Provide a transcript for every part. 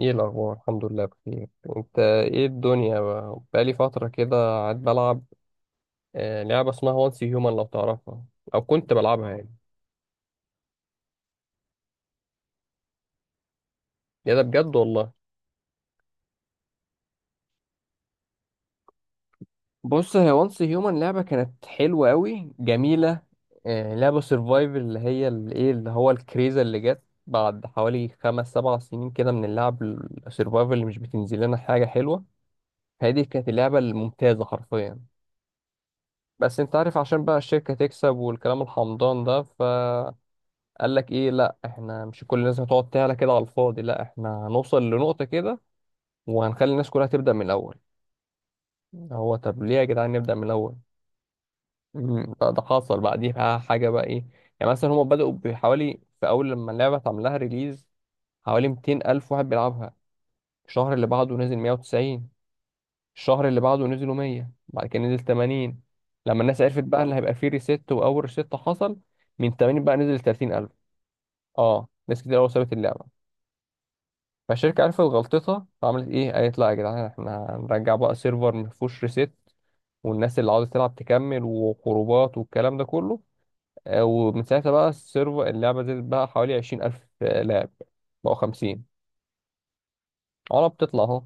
ايه الاخبار؟ الحمد لله بخير. انت ايه الدنيا بقى؟ بقالي فتره كده قاعد بلعب لعبه اسمها وانس هيومن لو تعرفها. او كنت بلعبها يعني. يا ده بجد والله. بص، هي وانس هيومن لعبه كانت حلوه قوي، جميله. لعبه سرفايفل اللي هي الايه اللي هو الكريزه اللي جت بعد حوالي خمس سبع سنين كده من اللعب. السرفايفل اللي مش بتنزل لنا حاجه حلوه. هذه كانت اللعبه الممتازه حرفيا. بس انت عارف، عشان بقى الشركه تكسب والكلام الحمضان ده، ف قال لك ايه؟ لا احنا مش كل الناس هتقعد تعلى كده على الفاضي، لا احنا هنوصل لنقطة كده وهنخلي الناس كلها تبدأ من الأول. هو طب ليه يا جدعان نبدأ من الأول؟ ده حصل بقى، دي بقى حاجة بقى ايه. يعني مثلا هما بدأوا بحوالي، في أول لما اللعبة اتعمل لها ريليز، حوالي 200 ألف واحد بيلعبها. الشهر اللي بعده نزل 190. الشهر اللي بعده نزلوا 100. بعد كده نزل 80. لما الناس عرفت بقى ان هيبقى فيه ريست وأول ريست حصل، من 80 بقى نزل 30 ألف. اه ناس كتير أوي سابت اللعبة. فالشركة عرفت غلطتها، فعملت ايه؟ قالت لا يا جدعان، احنا هنرجع بقى سيرفر مفهوش ريست، والناس اللي عاوزة تلعب تكمل، وخروجات والكلام ده كله. ومن ساعتها بقى السيرفر اللعبة زادت بقى حوالي عشرين ألف لاعب. بقوا خمسين. علا بتطلع اهو.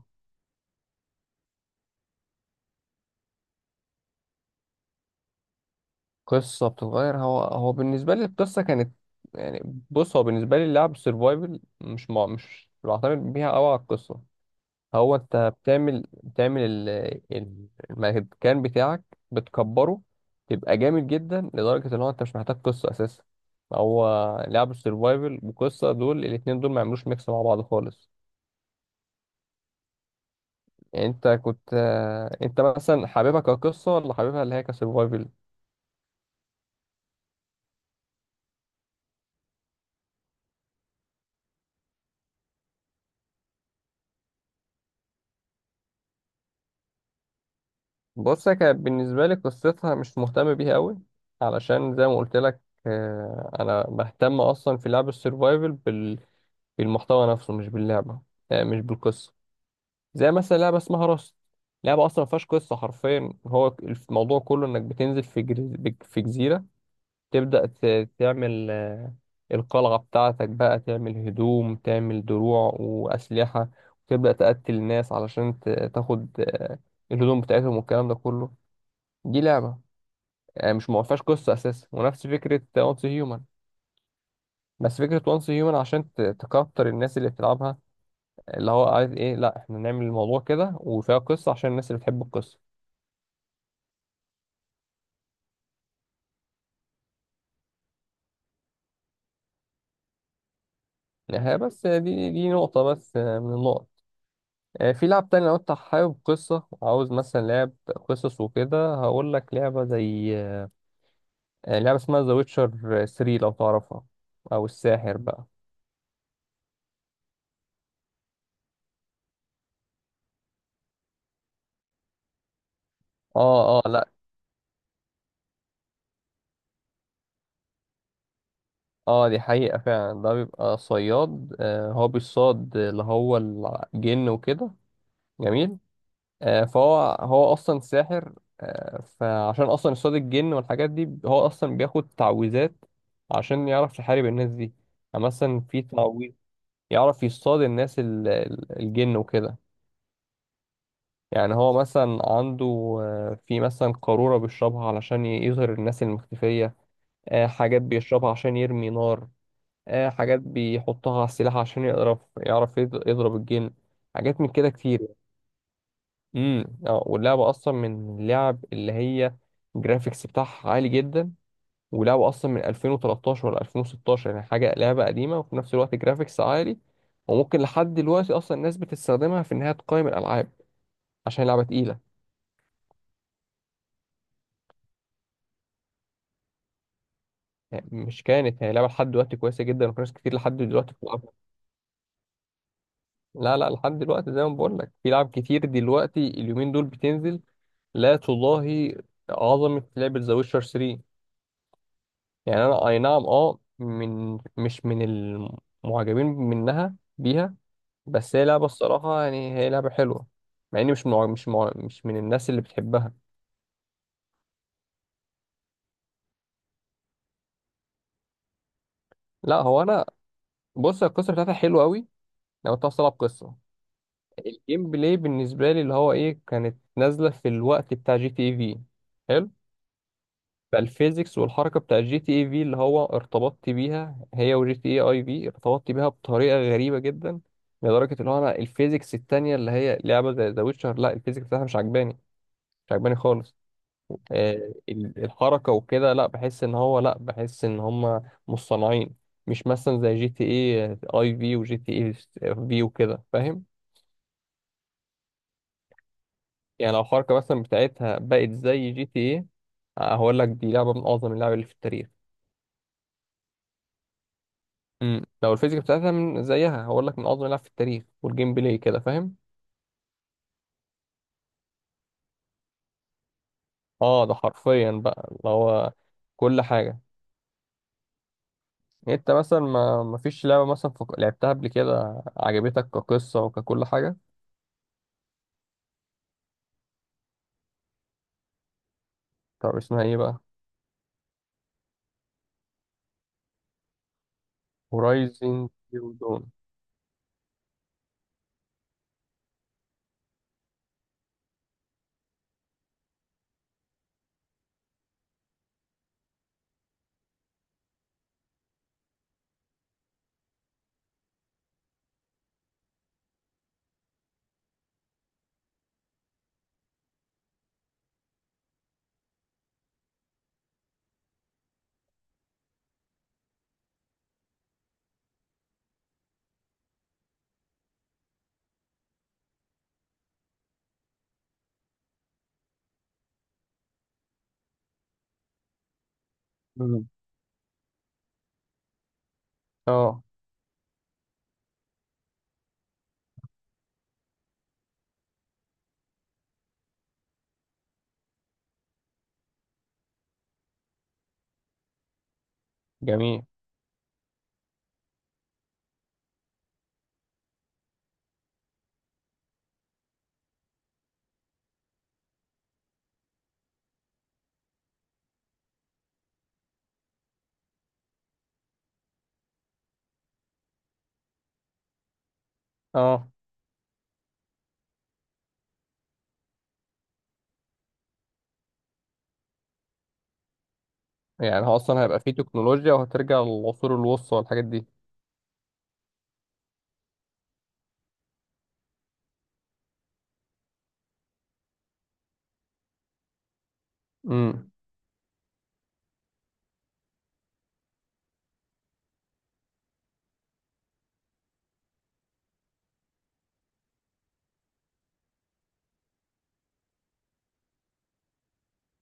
قصة بتتغير. هو بالنسبة لي القصة كانت، يعني، بص، هو بالنسبة لي اللعب سرفايفل مش بعتمد بيها أوي على القصة. هو انت بتعمل المكان بتاعك، بتكبره، تبقى جامد جدا لدرجة ان هو انت مش محتاج قصة اساسا. هو لعب السرفايفل وقصة، دول الاتنين دول ما يعملوش ميكس مع بعض خالص. يعني انت كنت، انت مثلا حاببها كقصة ولا حاببها اللي هي كسرفايفل؟ بص، هي كانت بالنسبة لي قصتها مش مهتم بيها قوي، علشان زي ما قلت لك. انا بهتم اصلا في لعب السرفايفل بالمحتوى نفسه، مش باللعبة. مش بالقصة. زي مثلا لعبه اسمها راست، لعبه اصلا ما فيهاش قصه حرفيا. هو الموضوع كله انك بتنزل في جزيره، تبدا تعمل القلعه بتاعتك بقى، تعمل هدوم، تعمل دروع واسلحه، وتبدا تقتل ناس علشان تاخد الهدوم بتاعتهم والكلام ده كله. دي لعبه يعني مش ما فيهاش قصه اساسا، ونفس فكره وانس هيومن. بس فكرة وانس هيومن عشان تكتر الناس اللي بتلعبها. اللي هو عايز ايه؟ لا احنا نعمل الموضوع كده وفيها قصة عشان الناس اللي بتحب القصة. ها بس دي نقطة بس، من النقط. في لعب تاني لو انت حابب قصة وعاوز مثلا لعب قصص وكده، هقول لك لعبة زي، لعبة اسمها ذا ويتشر 3 لو تعرفها، أو الساحر بقى. اه لا. اه دي حقيقة فعلا، ده بيبقى صياد. هو بيصاد اللي هو الجن وكده. جميل. فهو اصلا ساحر. فعشان اصلا يصطاد الجن والحاجات دي، هو اصلا بياخد تعويذات عشان يعرف يحارب الناس دي. يعني مثلا في تعويذ يعرف يصطاد الناس الجن وكده. يعني هو مثلا عنده، في مثلا قارورة بيشربها علشان يظهر الناس المختفية. حاجات بيشربها عشان يرمي نار. حاجات بيحطها على السلاح عشان يعرف يضرب الجن. حاجات من كده كتير. امم، اه، واللعبه اصلا من اللعب اللي هي الجرافيكس بتاعها عالي جدا. ولعبه اصلا من 2013 ولا 2016، يعني حاجه لعبه قديمه وفي نفس الوقت جرافيكس عالي. وممكن لحد دلوقتي اصلا الناس بتستخدمها في انها تقيم الالعاب، عشان لعبه تقيله. يعني مش كانت، هي لعبه لحد دلوقتي كويسه جدا وفي ناس كتير لحد دلوقتي بتلعبها. لا لحد دلوقتي، زي ما بقول لك، في لعب كتير دلوقتي اليومين دول بتنزل لا تضاهي عظمه لعبه ذا ويتشر 3. يعني انا اي نعم، اه، من مش من المعجبين بيها. بس هي لعبه الصراحه، يعني هي لعبه حلوه، مع اني مش من الناس اللي بتحبها. لا هو انا بص، القصه بتاعتها حلوه قوي لو انت بتلعب قصه. الجيم بلاي بالنسبه لي اللي هو ايه، كانت نازله في الوقت بتاع جي تي اي في. فالفيزيكس والحركه بتاع جي تي اي في اللي هو ارتبطت بيها، هي وجي تي اي اي في، ارتبطت بيها بطريقه غريبه جدا، لدرجه اللي هو انا الفيزيكس التانيه اللي هي لعبه زي ذا ويتشر، لا الفيزيكس بتاعها مش عجباني، مش عجباني خالص. الحركه وكده، لا بحس ان هو، لا بحس ان هم مصطنعين. مش مثلا زي جي تي اي اي في وجي تي اي في وكده، فاهم؟ يعني لو الحركه مثلا بتاعتها بقت زي جي تي اي، هقول لك دي لعبه من اعظم اللعب اللي في التاريخ. امم، لو الفيزيكا بتاعتها من زيها، هقول لك من اعظم اللاعب في التاريخ والجيم بلاي كده، فاهم؟ اه، ده حرفيا بقى اللي هو كل حاجه. انت مثلا ما ما فيش لعبه مثلا لعبتها قبل كده عجبتك كقصه وككل حاجه. طب اسمها ايه بقى؟ هورايزن زيرو دون. مم. اه جميل. اه، يعني هو اصلا هيبقى فيه تكنولوجيا، وهترجع للعصور الوسطى والحاجات دي. امم.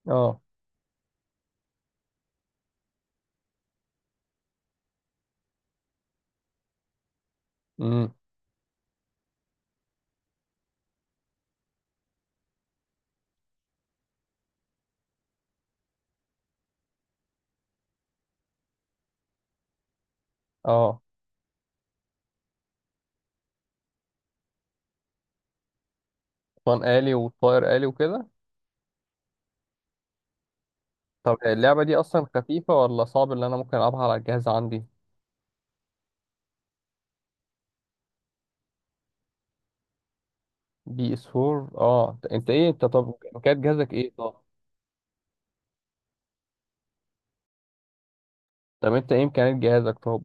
اه. امم. اه. طيران آلي وطائر آلي وكده. طب اللعبة دي أصلا خفيفة ولا صعب اللي أنا ممكن ألعبها على الجهاز عندي؟ بي اس 4. اه. أنت إيه، أنت طب إمكانيات جهازك إيه طب؟ طب أنت إيه إمكانيات جهازك طب؟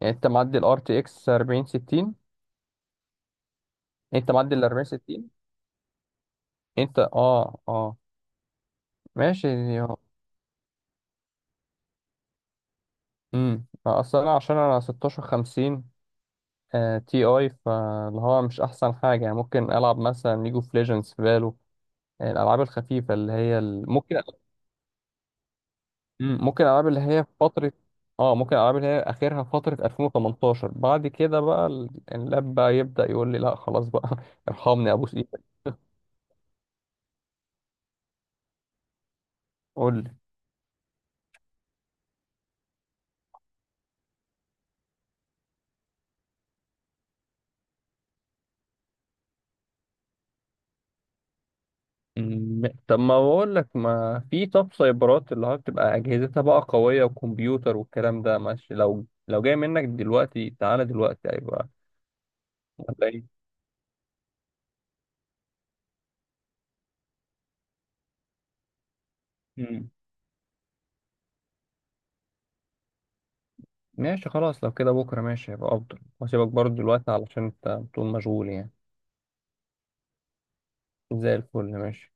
يعني أنت معدي ال RTX 4060؟ أنت معدي ال 4060؟ أنت، اه، ماشي. يا- امم، أصل أنا عشان أنا 1650 آه تي أي، فاللي هو مش أحسن حاجة يعني. ممكن ألعب مثلا ليج اوف ليجندز، فالو الألعاب الخفيفة اللي هي ممكن. مم. ممكن الالعاب اللي هي في فتره. اه، ممكن الالعاب اللي هي اخرها فتره 2018، بعد كده بقى اللاب بقى يبدا يقول لي لا خلاص بقى. ارحمني يا ابوس ايدك. قول لي. مم. طب ما بقول لك، ما في طب سايبرات اللي هو بتبقى اجهزتها بقى قويه وكمبيوتر والكلام ده، ماشي، لو جاي منك دلوقتي، تعالى دلوقتي هيبقى. ولا ايه؟ مم. ماشي خلاص، لو كده بكره ماشي، هيبقى افضل. واسيبك برضه دلوقتي علشان انت بتقول مشغول يعني. زي الفل، ماشي.